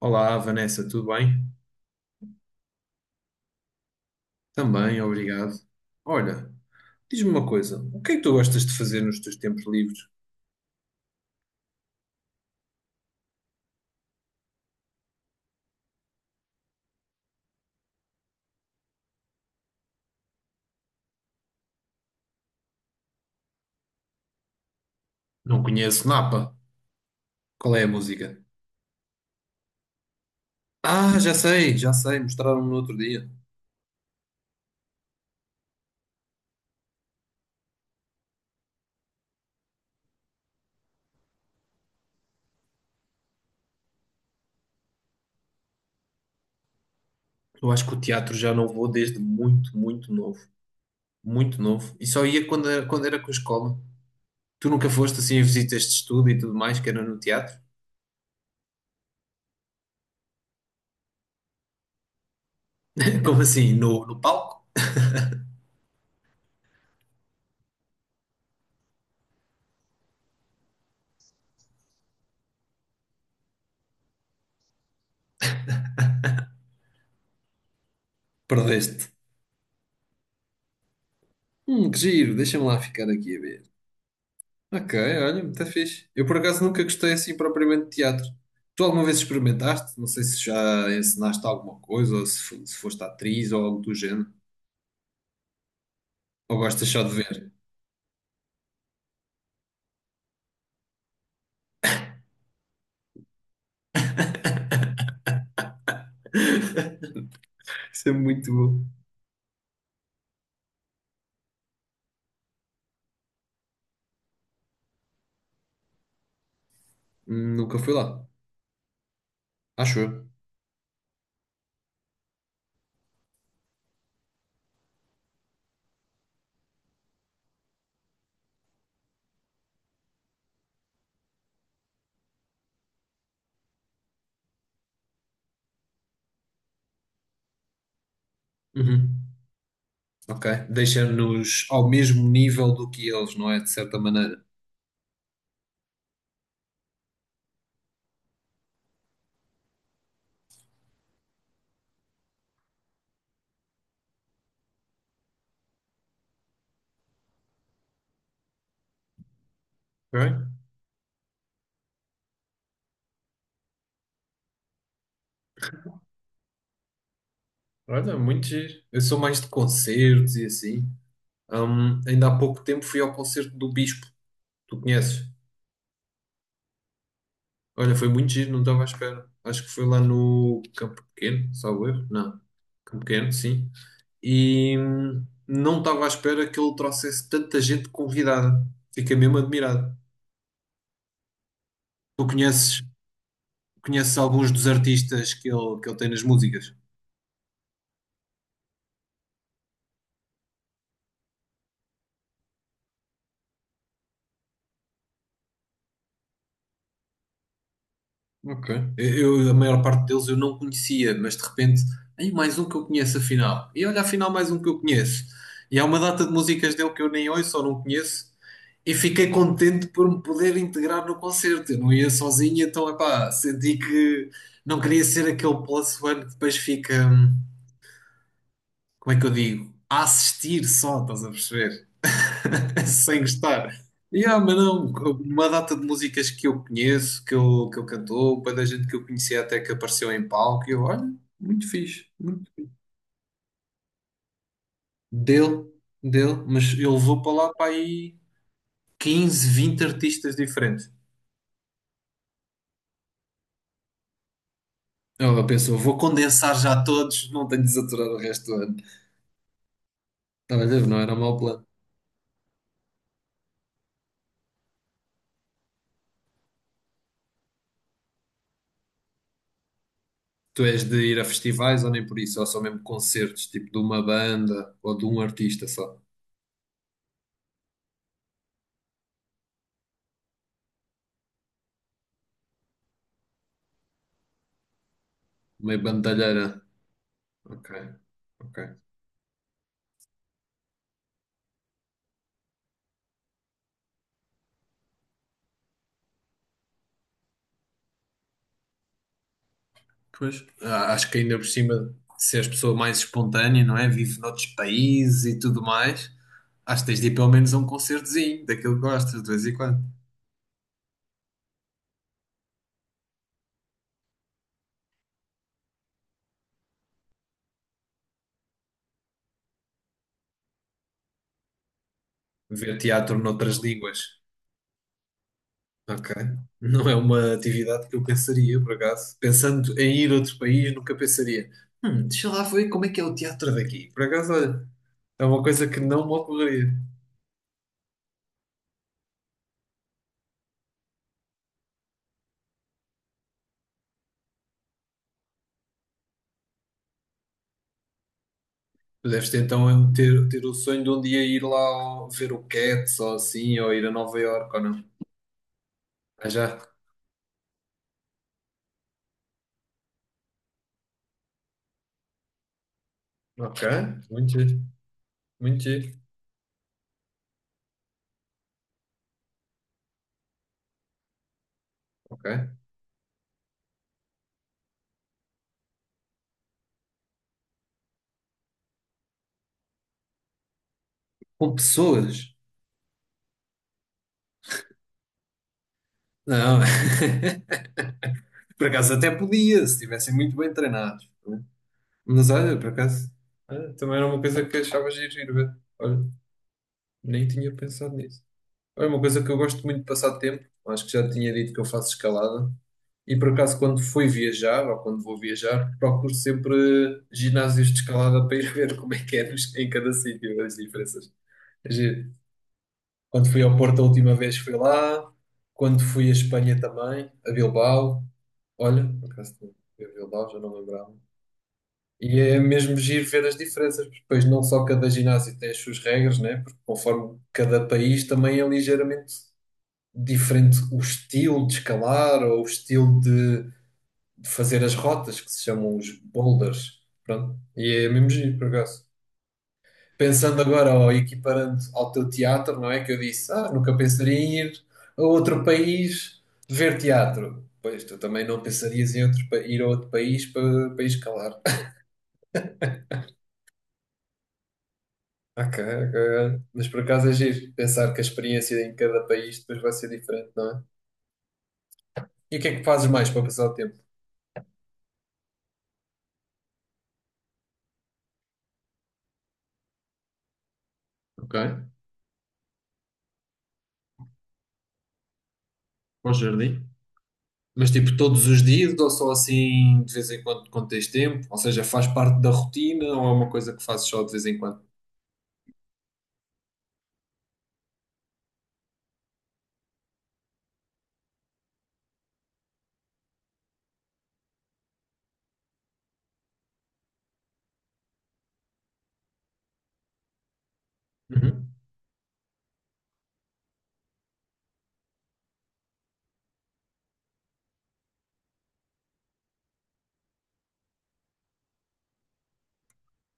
Olá, Vanessa, tudo bem? Também, obrigado. Olha, diz-me uma coisa, o que é que tu gostas de fazer nos teus tempos livres? Não conheço Napa. Qual é a música? Ah, já sei, mostraram-me no outro dia. Eu acho que o teatro já não vou desde muito, muito novo. Muito novo. E só ia quando era com a escola. Tu nunca foste assim a visitas de estudo e tudo mais, que era no teatro? Como assim? No palco? Perdeste. Que giro, deixa-me lá ficar aqui a ver. Ok, olha, muito fixe. Eu por acaso nunca gostei assim propriamente de teatro. Tu alguma vez experimentaste? Não sei se já ensinaste alguma coisa, ou se, se foste atriz ou algo do género. Ou gostas só de ver? Isso é muito bom. Nunca fui lá, acho eu. Uhum. Ok, deixa-nos ao mesmo nível do que eles, não é? De certa maneira. Ok, olha, muito giro. Eu sou mais de concertos e assim. Ainda há pouco tempo fui ao concerto do Bispo. Tu conheces? Olha, foi muito giro, não estava à espera. Acho que foi lá no Campo Pequeno, salvo erro. Não, Campo Pequeno, sim. E não estava à espera que ele trouxesse tanta gente convidada. Fiquei mesmo admirado. Tu conheces, conheces alguns dos artistas que ele tem nas músicas? Ok. A maior parte deles eu não conhecia, mas de repente, aí mais um que eu conheço afinal. E olha, afinal mais um que eu conheço. E há uma data de músicas dele que eu nem ouço ou não conheço. E fiquei contente por me poder integrar no concerto. Eu não ia sozinho, então, epá, senti que não queria ser aquele plus one que depois fica, como é que eu digo? A assistir só, estás a perceber? sem gostar. E ah, mas não, uma data de músicas que eu conheço, que eu cantou, para da gente que eu conhecia até que apareceu em palco, e eu, olha, muito fixe, muito. Dele, dele, mas ele levou para lá para aí 15, 20 artistas diferentes. Ela pensou, vou condensar já todos, não tenho de saturar o resto do ano. Estava a ver, não era mau plano. Tu és de ir a festivais ou nem por isso, ou só mesmo concertos, tipo de uma banda ou de um artista só, meio bandalheira. Ok, ok. Pois, acho que ainda por cima, se és pessoa mais espontânea, não é? Vive noutros países e tudo mais, acho que tens de ir pelo menos a um concertozinho, daquilo que gostas, de vez em quando. Ver teatro noutras línguas. Ok. Não é uma atividade que eu pensaria, por acaso. Pensando em ir a outro país, nunca pensaria. Deixa lá ver como é que é o teatro daqui. Por acaso, olha, é uma coisa que não me ocorreria. Tu deves então ter o sonho de um dia ir ver o Cats ou assim, ou ir a Nova Iorque ou não. Ah, já. Ok, muito giro, muito giro. Ok. Com pessoas? Não, por acaso até podia, se estivessem muito bem treinados. Né? Mas olha, por acaso, ah, também era uma coisa que achava giro ir ver. Olha, nem tinha pensado nisso. Olha, uma coisa que eu gosto muito de passar tempo, acho que já tinha dito que eu faço escalada. E por acaso, quando fui viajar, ou quando vou viajar, procuro sempre ginásios de escalada para ir ver como é que é em cada sítio as diferenças. É giro. Quando fui ao Porto a última vez fui lá. Quando fui à Espanha também, a Bilbao. Olha, por acaso fui a Bilbao, já não lembrava. E é mesmo giro ver as diferenças, porque depois não só cada ginásio tem as suas regras, né? Porque conforme cada país também é ligeiramente diferente o estilo de escalar ou o estilo de fazer as rotas, que se chamam os boulders. Pronto. E é mesmo giro, por acaso. Pensando agora ou equiparando ao teu teatro, não é? Que eu disse, ah, nunca pensaria em ir a outro país ver teatro. Pois, tu também não pensarias em outro, ir a outro país para, para ir escalar. Ok, ok. Mas por acaso é giro pensar que a experiência em cada país depois vai ser diferente, não é? E o que é que fazes mais para passar o tempo? Ok, bom jardim. Mas tipo todos os dias ou só assim de vez em quando quando tens tempo? Ou seja, faz parte da rotina ou é uma coisa que fazes só de vez em quando?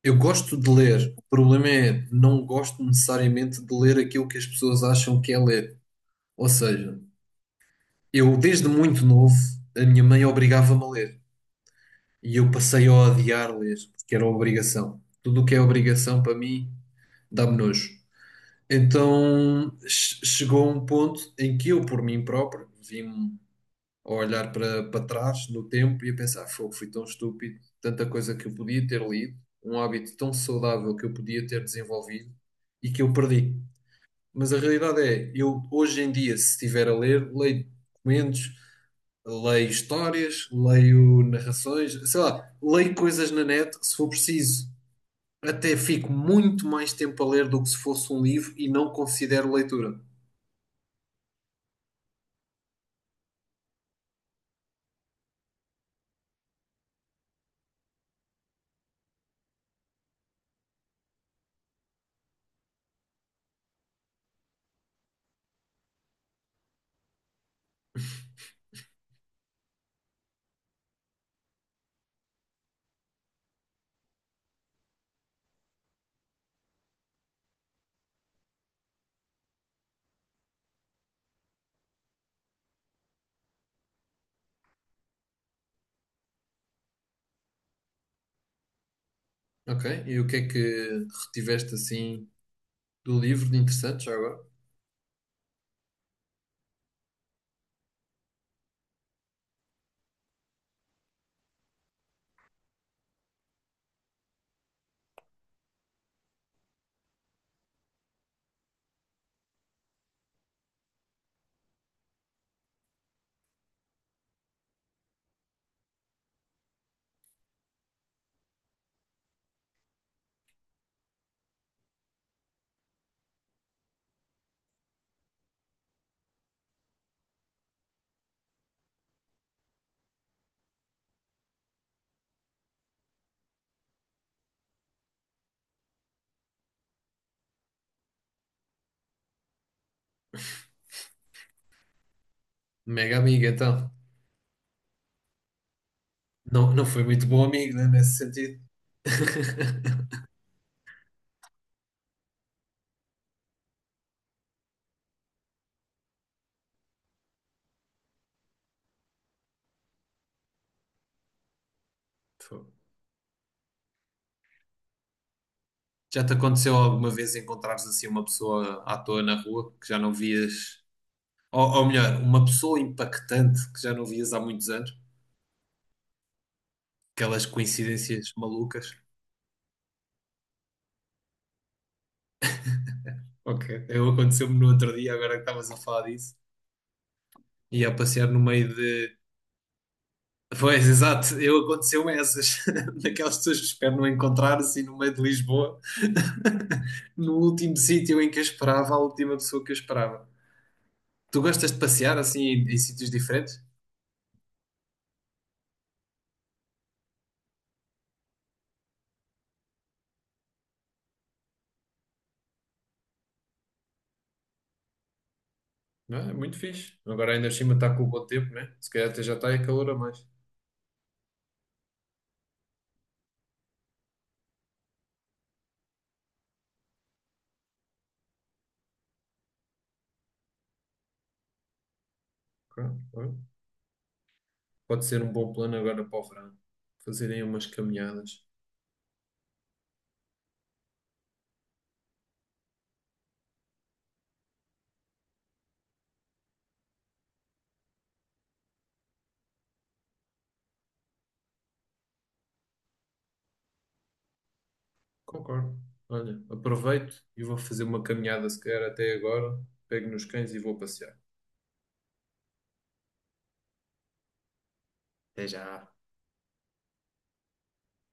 Eu gosto de ler, o problema é não gosto necessariamente de ler aquilo que as pessoas acham que é ler. Ou seja, eu desde muito novo, a minha mãe obrigava-me a ler e eu passei a odiar ler, porque era obrigação. Tudo o que é obrigação para mim dá-me nojo. Então chegou um ponto em que eu, por mim próprio, vi-me a olhar para, para trás no tempo e a pensar, fogo, fui tão estúpido, tanta coisa que eu podia ter lido, um hábito tão saudável que eu podia ter desenvolvido e que eu perdi. Mas a realidade é, eu hoje em dia, se estiver a ler, leio documentos, leio histórias, leio narrações, sei lá, leio coisas na net, se for preciso. Até fico muito mais tempo a ler do que se fosse um livro e não considero leitura. Ok? E o que é que retiveste assim do livro de interessante já agora? Mega amigo, então. Não, não foi muito bom amigo, né, nesse sentido. Fogo. Já te aconteceu alguma vez encontrares assim uma pessoa à toa na rua que já não vias, ou melhor, uma pessoa impactante que já não vias há muitos anos? Aquelas coincidências malucas. Ok, eu aconteceu-me no outro dia, agora que estavas a falar disso, ia passear no meio de. Pois, exato, eu aconteceu-me essas, daquelas pessoas que espero não encontrar assim no meio de Lisboa. No último sítio em que eu esperava, a última pessoa que eu esperava. Tu gostas de passear assim em, em sítios diferentes? Não, é É muito fixe. Agora ainda por cima está com o bom tempo, né? Se calhar até já está a calor a mais. Claro, claro. Pode ser um bom plano agora para o verão. Fazerem umas caminhadas. Concordo. Olha, aproveito e vou fazer uma caminhada se calhar até agora. Pego nos cães e vou passear. Até já.